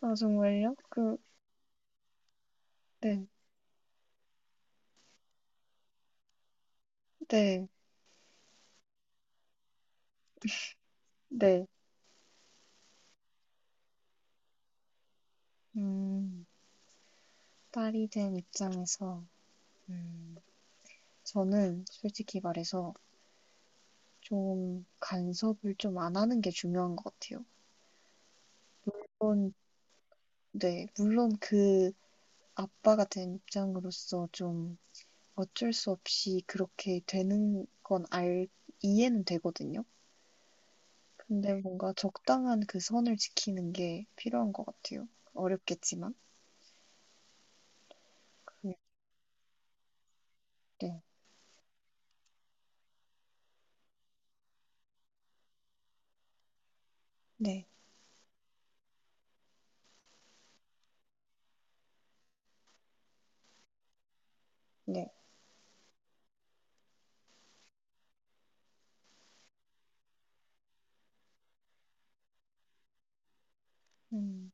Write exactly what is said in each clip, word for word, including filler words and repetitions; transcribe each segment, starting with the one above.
아, 정말요? 그, 네, 네, 네. 음, 딸이 된 입장에서, 음, 저는 솔직히 말해서 좀 간섭을 좀 안 하는 게 중요한 것 같아요. 물론, 네, 물론 그 아빠가 된 입장으로서 좀 어쩔 수 없이 그렇게 되는 건 알, 이해는 되거든요. 근데 네. 뭔가 적당한 그 선을 지키는 게 필요한 것 같아요. 어렵겠지만. 네, 네, 네. 음.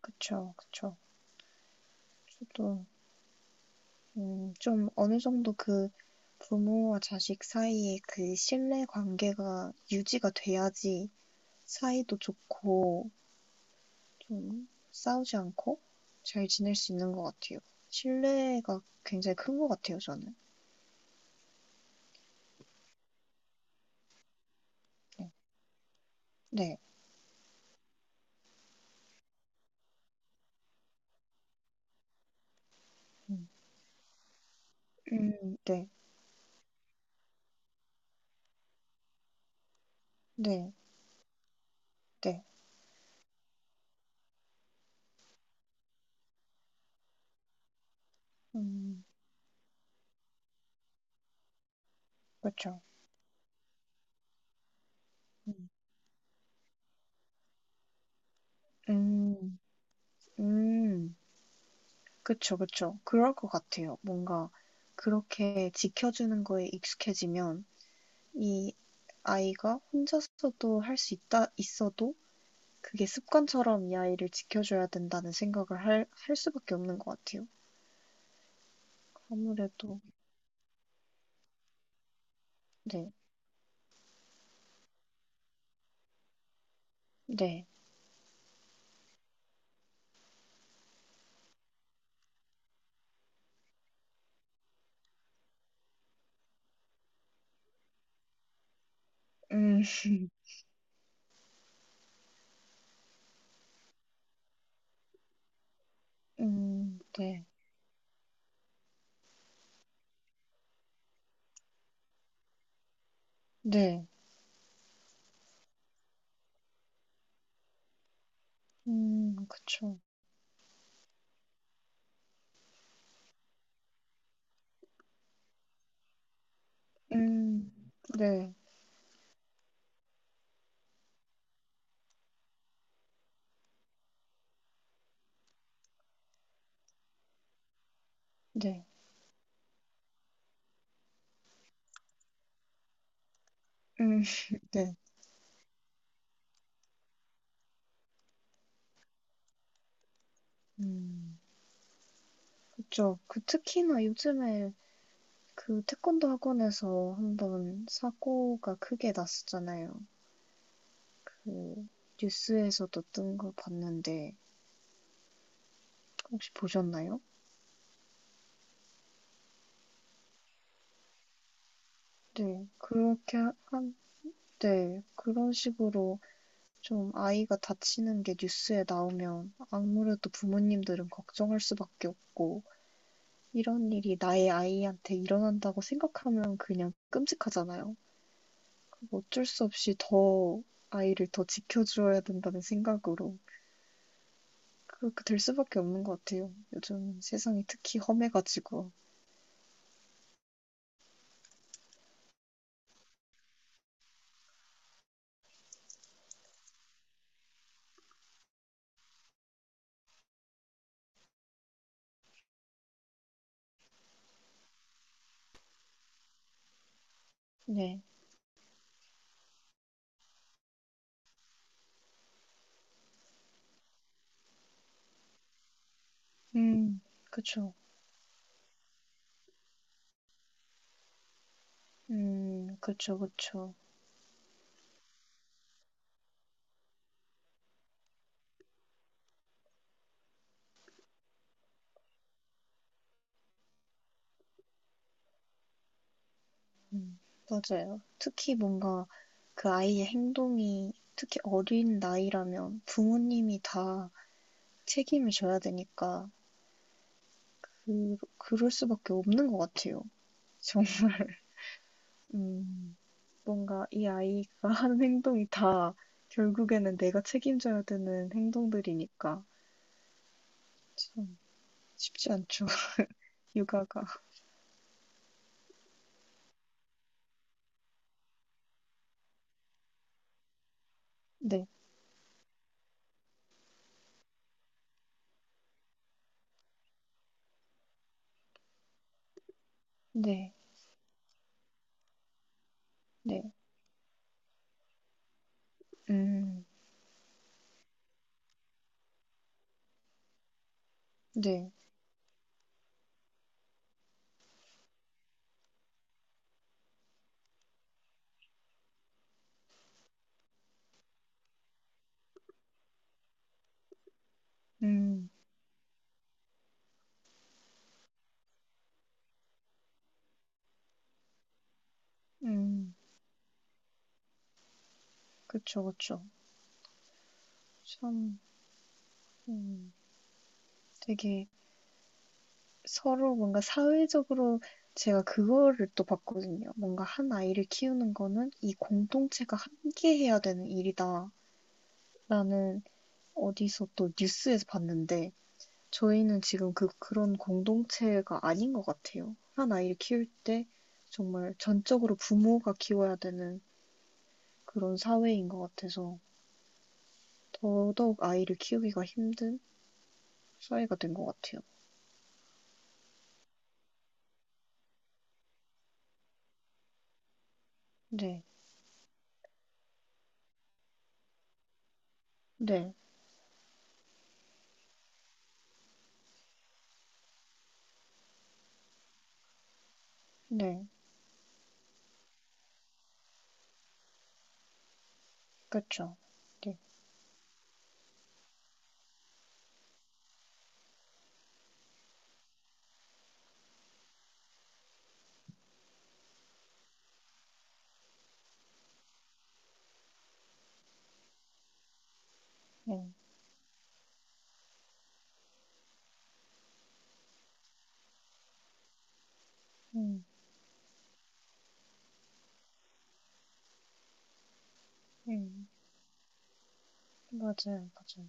그쵸, 그쵸. 저도 음, 좀 어느 정도 그 부모와 자식 사이에 그 신뢰 관계가 유지가 돼야지 사이도 좋고 좀 싸우지 않고 잘 지낼 수 있는 것 같아요. 신뢰가 굉장히 큰 것 같아요, 저는. 네, 네, 음, 음, 네, 네, 네, 음, 그쵸. 음, 음, 음, 그쵸, 그쵸. 그럴 것 같아요. 뭔가 그렇게 지켜주는 거에 익숙해지면 이 아이가 혼자서도 할 수 있다 있어도 그게 습관처럼 이 아이를 지켜줘야 된다는 생각을 할, 할 수밖에 없는 것 같아요. 아무래도 네, 네, 음, 음, 네, 네, 음, 그쵸, 음, 네, 네, 음, 네, 음, 그쵸. 그 특히나 요즘에 그 태권도 학원에서 한번 사고가 크게 났었잖아요. 그 뉴스에서도 뜬 거 봤는데 혹시 보셨나요? 네. 그렇게 한, 네. 그런 식으로 좀 아이가 다치는 게 뉴스에 나오면 아무래도 부모님들은 걱정할 수밖에 없고 이런 일이 나의 아이한테 일어난다고 생각하면 그냥 끔찍하잖아요. 어쩔 수 없이 더 아이를 더 지켜줘야 된다는 생각으로 그렇게 될 수밖에 없는 것 같아요. 요즘 세상이 특히 험해가지고. 네. 음, 그쵸. 음, 그쵸, 그쵸. 음, 맞아요. 특히 뭔가 그 아이의 행동이 특히 어린 나이라면 부모님이 다 책임을 져야 되니까 그, 그럴 수밖에 없는 것 같아요. 정, 음, 뭔가 이 아이가 하는 행동이 다 결국에는 내가 책임져야 되는 행동들이니까 참 쉽지 않죠. 육아가. 네, 네, 네. 음, 네, 음, 음. 그쵸, 그쵸. 참, 음, 되게 서로 뭔가 사회적으로 제가 그거를 또 봤거든요. 뭔가 한 아이를 키우는 거는 이 공동체가 함께 해야 되는 일이다라는 어디서 또 뉴스에서 봤는데 저희는 지금 그 그런 공동체가 아닌 것 같아요. 한 아이를 키울 때 정말 전적으로 부모가 키워야 되는 그런 사회인 것 같아서 더더욱 아이를 키우기가 힘든 사회가 된 것 같아요. 네, 네, 네, 그렇죠. 네, 네, 음, 음. 음. 맞아요, 맞아요.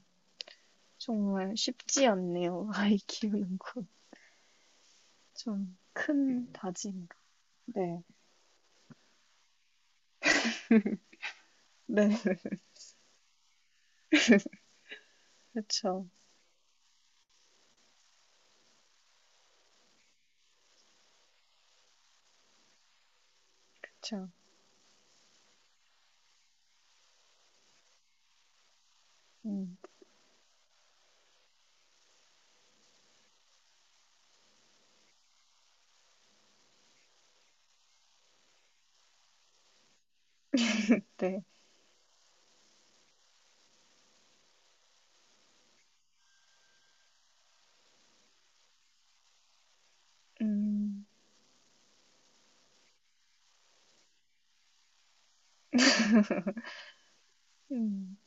정말 쉽지 않네요. 아이 키우는 건. 좀 큰 다짐. 네, 네, 그렇죠그죠 음, 네, 음, 음.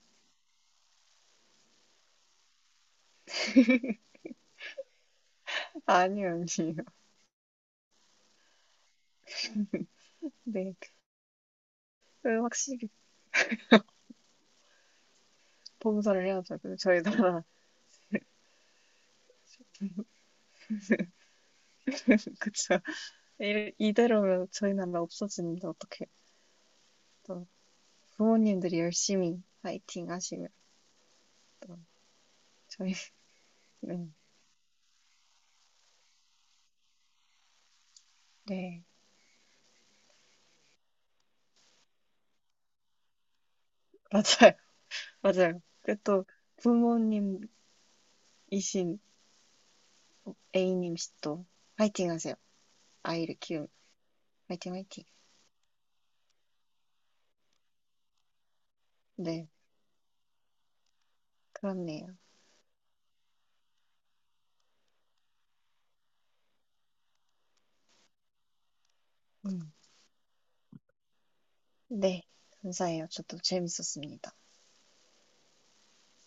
아니요, 아니요. 네, 그 확실히 봉사를 해야죠. 그 저희 나라, 그렇 이- 이대로면 저희 나라 없어지는데 어떻게 또 부모님들이 열심히 파이팅 하시면 또 저희, 네, 네, 맞아요, 맞아요. 그또 부모님이신 A님 씨도 화이팅 하세요. 아이를 키우 화이팅 화이팅. 네, 그렇네요. 음. 네, 감사해요. 저도 재밌었습니다.